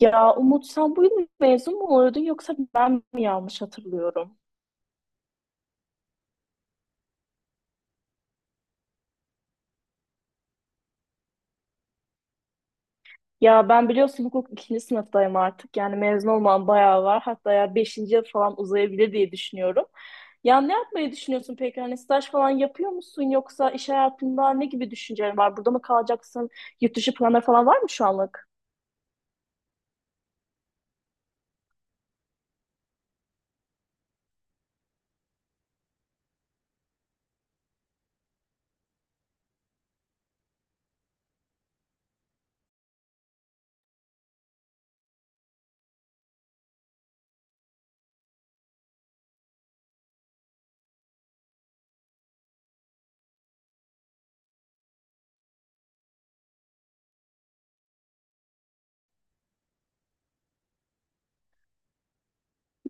Ya Umut sen bu yıl mezun mu oluyordun yoksa ben mi yanlış hatırlıyorum? Ya ben biliyorsun hukuk ikinci sınıftayım artık. Yani mezun olmam bayağı var. Hatta ya beşinci yıl falan uzayabilir diye düşünüyorum. Ya ne yapmayı düşünüyorsun peki? Hani staj falan yapıyor musun yoksa iş hayatında ne gibi düşüncelerin var? Burada mı kalacaksın? Yurt dışı planları falan var mı şu an?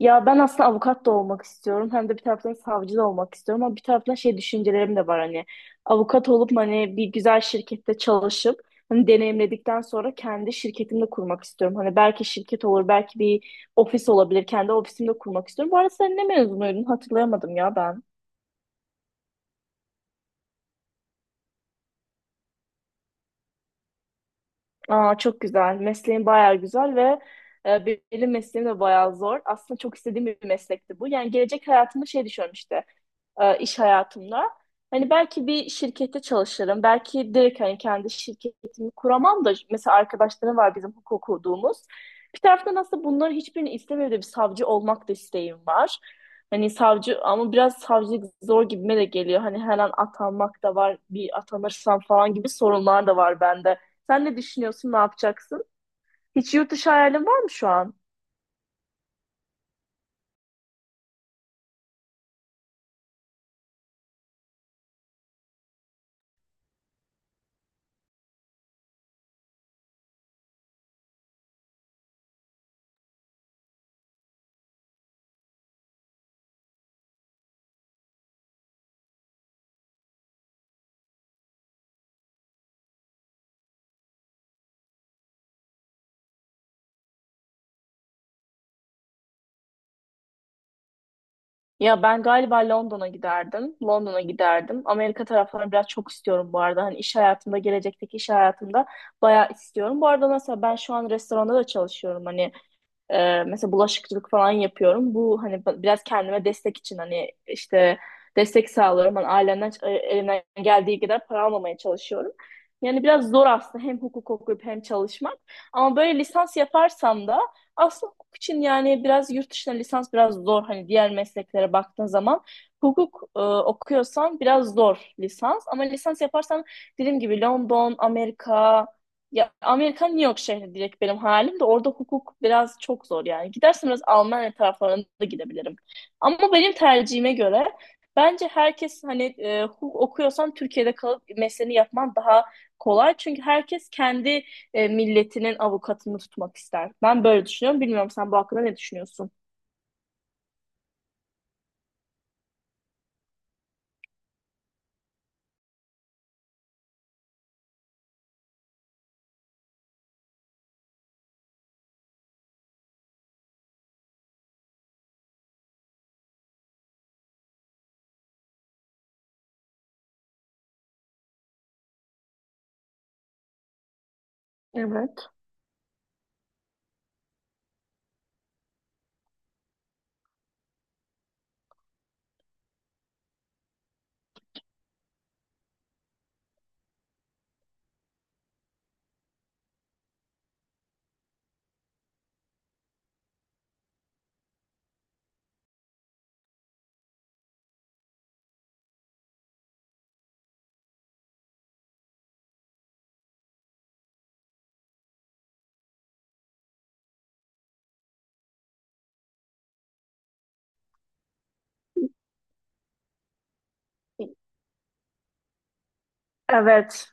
Ya ben aslında avukat da olmak istiyorum. Hem de bir taraftan savcı da olmak istiyorum. Ama bir taraftan şey düşüncelerim de var hani. Avukat olup hani bir güzel şirkette çalışıp hani deneyimledikten sonra kendi şirketimi de kurmak istiyorum. Hani belki şirket olur, belki bir ofis olabilir. Kendi ofisimde kurmak istiyorum. Bu arada sen ne mezunuydun? Hatırlayamadım ya ben. Aa çok güzel. Mesleğin bayağı güzel ve e, benim mesleğim de bayağı zor. Aslında çok istediğim bir meslekti bu. Yani gelecek hayatımda şey düşünüyorum işte. İş hayatımda. Hani belki bir şirkette çalışırım. Belki direkt hani kendi şirketimi kuramam da mesela arkadaşlarım var bizim hukuk okuduğumuz. Bir taraftan aslında bunları hiçbirini istemiyorum da bir savcı olmak da isteğim var. Hani savcı ama biraz savcılık zor gibime de geliyor. Hani her an atanmak da var, bir atanırsam falan gibi sorunlar da var bende. Sen ne düşünüyorsun, ne yapacaksın? Hiç yurt dışı hayalin var mı şu an? Ya ben galiba London'a giderdim. London'a giderdim. Amerika taraflarını biraz çok istiyorum bu arada. Hani iş hayatımda, gelecekteki iş hayatımda bayağı istiyorum. Bu arada mesela ben şu an restoranda da çalışıyorum. Hani mesela bulaşıkçılık falan yapıyorum. Bu hani biraz kendime destek için hani işte destek sağlıyorum. Hani ailemden elimden geldiği kadar para almamaya çalışıyorum. Yani biraz zor aslında hem hukuk okuyup hem çalışmak. Ama böyle lisans yaparsam da aslında hukuk için yani biraz yurt dışına lisans biraz zor. Hani diğer mesleklere baktığın zaman hukuk okuyorsan biraz zor lisans. Ama lisans yaparsan dediğim gibi London, Amerika, ya Amerika New York şehri direkt benim halim de orada hukuk biraz çok zor yani. Gidersem biraz Almanya taraflarına da gidebilirim. Ama benim tercihime göre bence herkes hani hukuk okuyorsan Türkiye'de kalıp mesleğini yapman daha kolay. Çünkü herkes kendi milletinin avukatını tutmak ister. Ben böyle düşünüyorum. Bilmiyorum sen bu hakkında ne düşünüyorsun? Evet. Evet.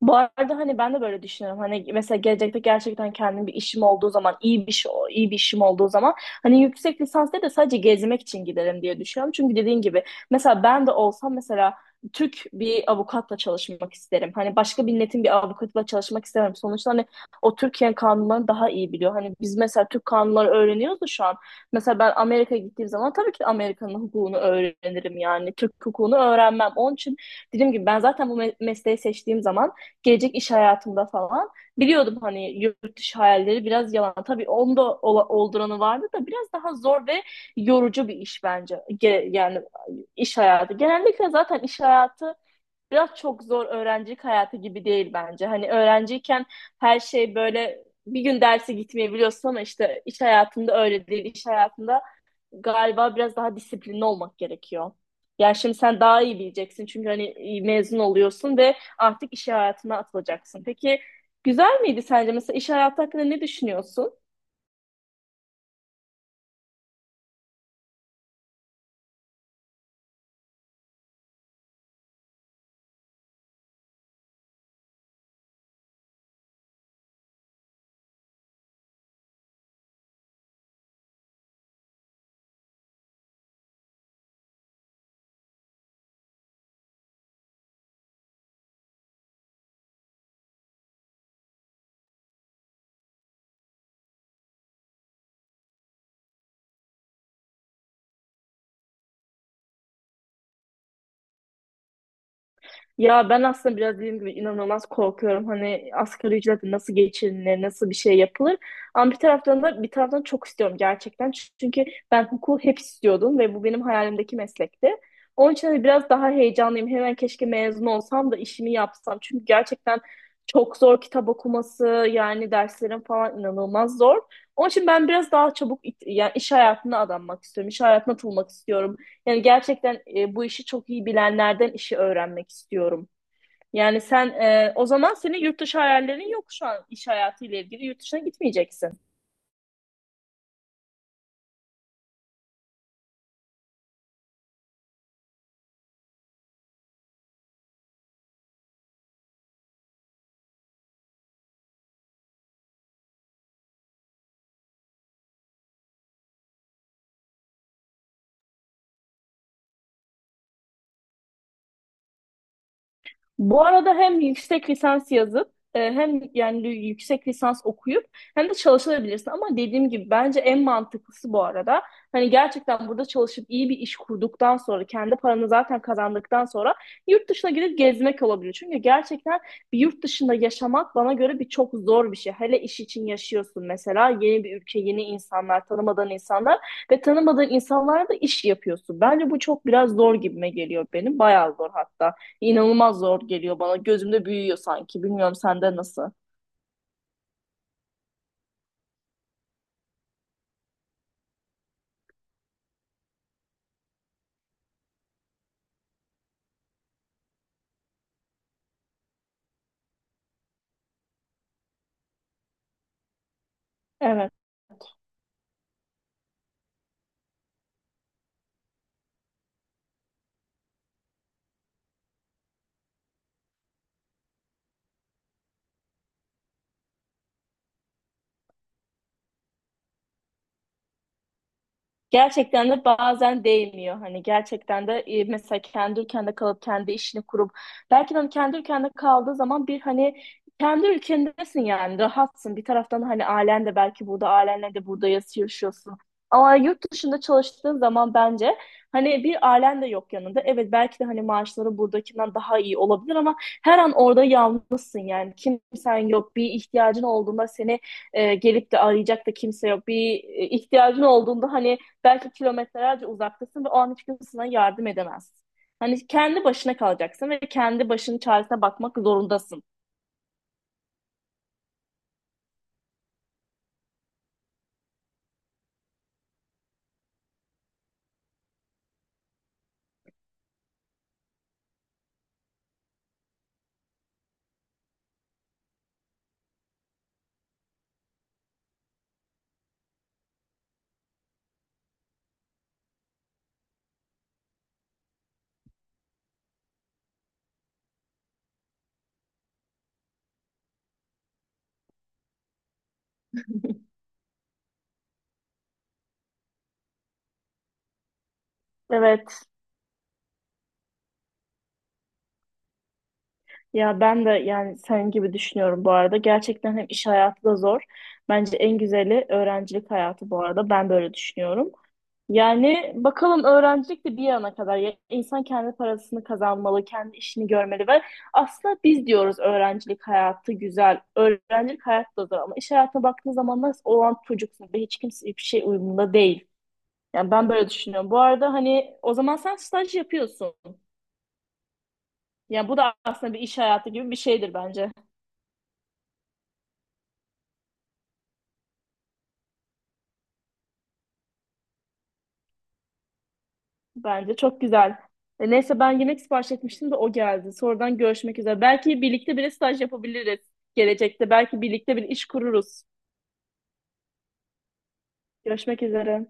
Bu arada hani ben de böyle düşünüyorum. Hani mesela gelecekte gerçekten kendim bir işim olduğu zaman, iyi bir iş iyi bir işim olduğu zaman hani yüksek lisansta da sadece gezmek için giderim diye düşünüyorum. Çünkü dediğin gibi mesela ben de olsam mesela Türk bir avukatla çalışmak isterim. Hani başka bir milletin bir avukatla çalışmak istemem. Sonuçta hani o Türkiye kanunlarını daha iyi biliyor. Hani biz mesela Türk kanunları öğreniyoruz da şu an. Mesela ben Amerika'ya gittiğim zaman tabii ki Amerika'nın hukukunu öğrenirim yani. Türk hukukunu öğrenmem. Onun için dediğim gibi ben zaten bu mesleği seçtiğim zaman gelecek iş hayatımda falan biliyordum hani yurt dışı hayalleri biraz yalan. Tabii onda olduranı vardı da biraz daha zor ve yorucu bir iş bence. Yani iş hayatı. Genellikle zaten iş hayatı biraz çok zor öğrencilik hayatı gibi değil bence. Hani öğrenciyken her şey böyle bir gün derse gitmeyebiliyorsun ama işte iş hayatında öyle değil. İş hayatında galiba biraz daha disiplinli olmak gerekiyor. Yani şimdi sen daha iyi bileceksin çünkü hani mezun oluyorsun ve artık iş hayatına atılacaksın. Peki güzel miydi sence? Mesela iş hayatı hakkında ne düşünüyorsun? Ya ben aslında biraz dediğim gibi inanılmaz korkuyorum. Hani asgari ücretle nasıl geçinilir, nasıl bir şey yapılır. Ama bir taraftan da bir taraftan çok istiyorum gerçekten. Çünkü ben hukuku hep istiyordum ve bu benim hayalimdeki meslekti. Onun için hani biraz daha heyecanlıyım. Hemen keşke mezun olsam da işimi yapsam. Çünkü gerçekten çok zor kitap okuması, yani derslerin falan inanılmaz zor. Onun için ben biraz daha çabuk yani iş hayatına adanmak istiyorum. İş hayatına atılmak istiyorum. Yani gerçekten bu işi çok iyi bilenlerden işi öğrenmek istiyorum. Yani sen o zaman senin yurt dışı hayallerin yok şu an iş hayatıyla ilgili. Yurt dışına gitmeyeceksin. Bu arada hem yüksek lisans yazıp hem yani yüksek lisans okuyup hem de çalışabilirsin. Ama dediğim gibi bence en mantıklısı bu arada. Hani gerçekten burada çalışıp iyi bir iş kurduktan sonra kendi paranı zaten kazandıktan sonra yurt dışına gidip gezmek olabilir. Çünkü gerçekten bir yurt dışında yaşamak bana göre bir çok zor bir şey. Hele iş için yaşıyorsun mesela yeni bir ülke, yeni insanlar, tanımadığın insanlar ve tanımadığın insanlarla da iş yapıyorsun. Bence bu çok biraz zor gibime geliyor benim. Bayağı zor hatta inanılmaz zor geliyor bana. Gözümde büyüyor sanki. Bilmiyorum sende nasıl? Evet. Gerçekten de bazen değmiyor. Hani gerçekten de mesela kendi ülkende kalıp kendi işini kurup belki de hani kendi ülkende kaldığı zaman bir hani kendi ülkendesin yani rahatsın. Bir taraftan hani ailen de belki burada ailenle de burada yaşıyorsun. Ama yurt dışında çalıştığın zaman bence hani bir ailen de yok yanında. Evet belki de hani maaşları buradakinden daha iyi olabilir ama her an orada yalnızsın yani. Kimsen yok. Bir ihtiyacın olduğunda seni gelip de arayacak da kimse yok. Bir ihtiyacın olduğunda hani belki kilometrelerce uzaktasın ve o an hiç kimse sana yardım edemez. Hani kendi başına kalacaksın ve kendi başının çaresine bakmak zorundasın. Evet. Ya ben de yani senin gibi düşünüyorum bu arada. Gerçekten hem iş hayatı da zor. Bence en güzeli öğrencilik hayatı bu arada. Ben böyle düşünüyorum. Yani bakalım öğrencilik de bir yana kadar. Ya insan kendi parasını kazanmalı, kendi işini görmeli ve aslında biz diyoruz öğrencilik hayatı güzel, öğrencilik hayatı da zor ama iş hayatına baktığın zaman nasıl olan çocuksun ve hiç kimse hiçbir şey uyumunda değil. Yani ben böyle düşünüyorum. Bu arada hani o zaman sen staj yapıyorsun. Yani bu da aslında bir iş hayatı gibi bir şeydir bence. Bence çok güzel. E, neyse ben yemek sipariş etmiştim de o geldi. Sonradan görüşmek üzere. Belki birlikte bile staj yapabiliriz gelecekte. Belki birlikte bir iş kururuz. Görüşmek üzere.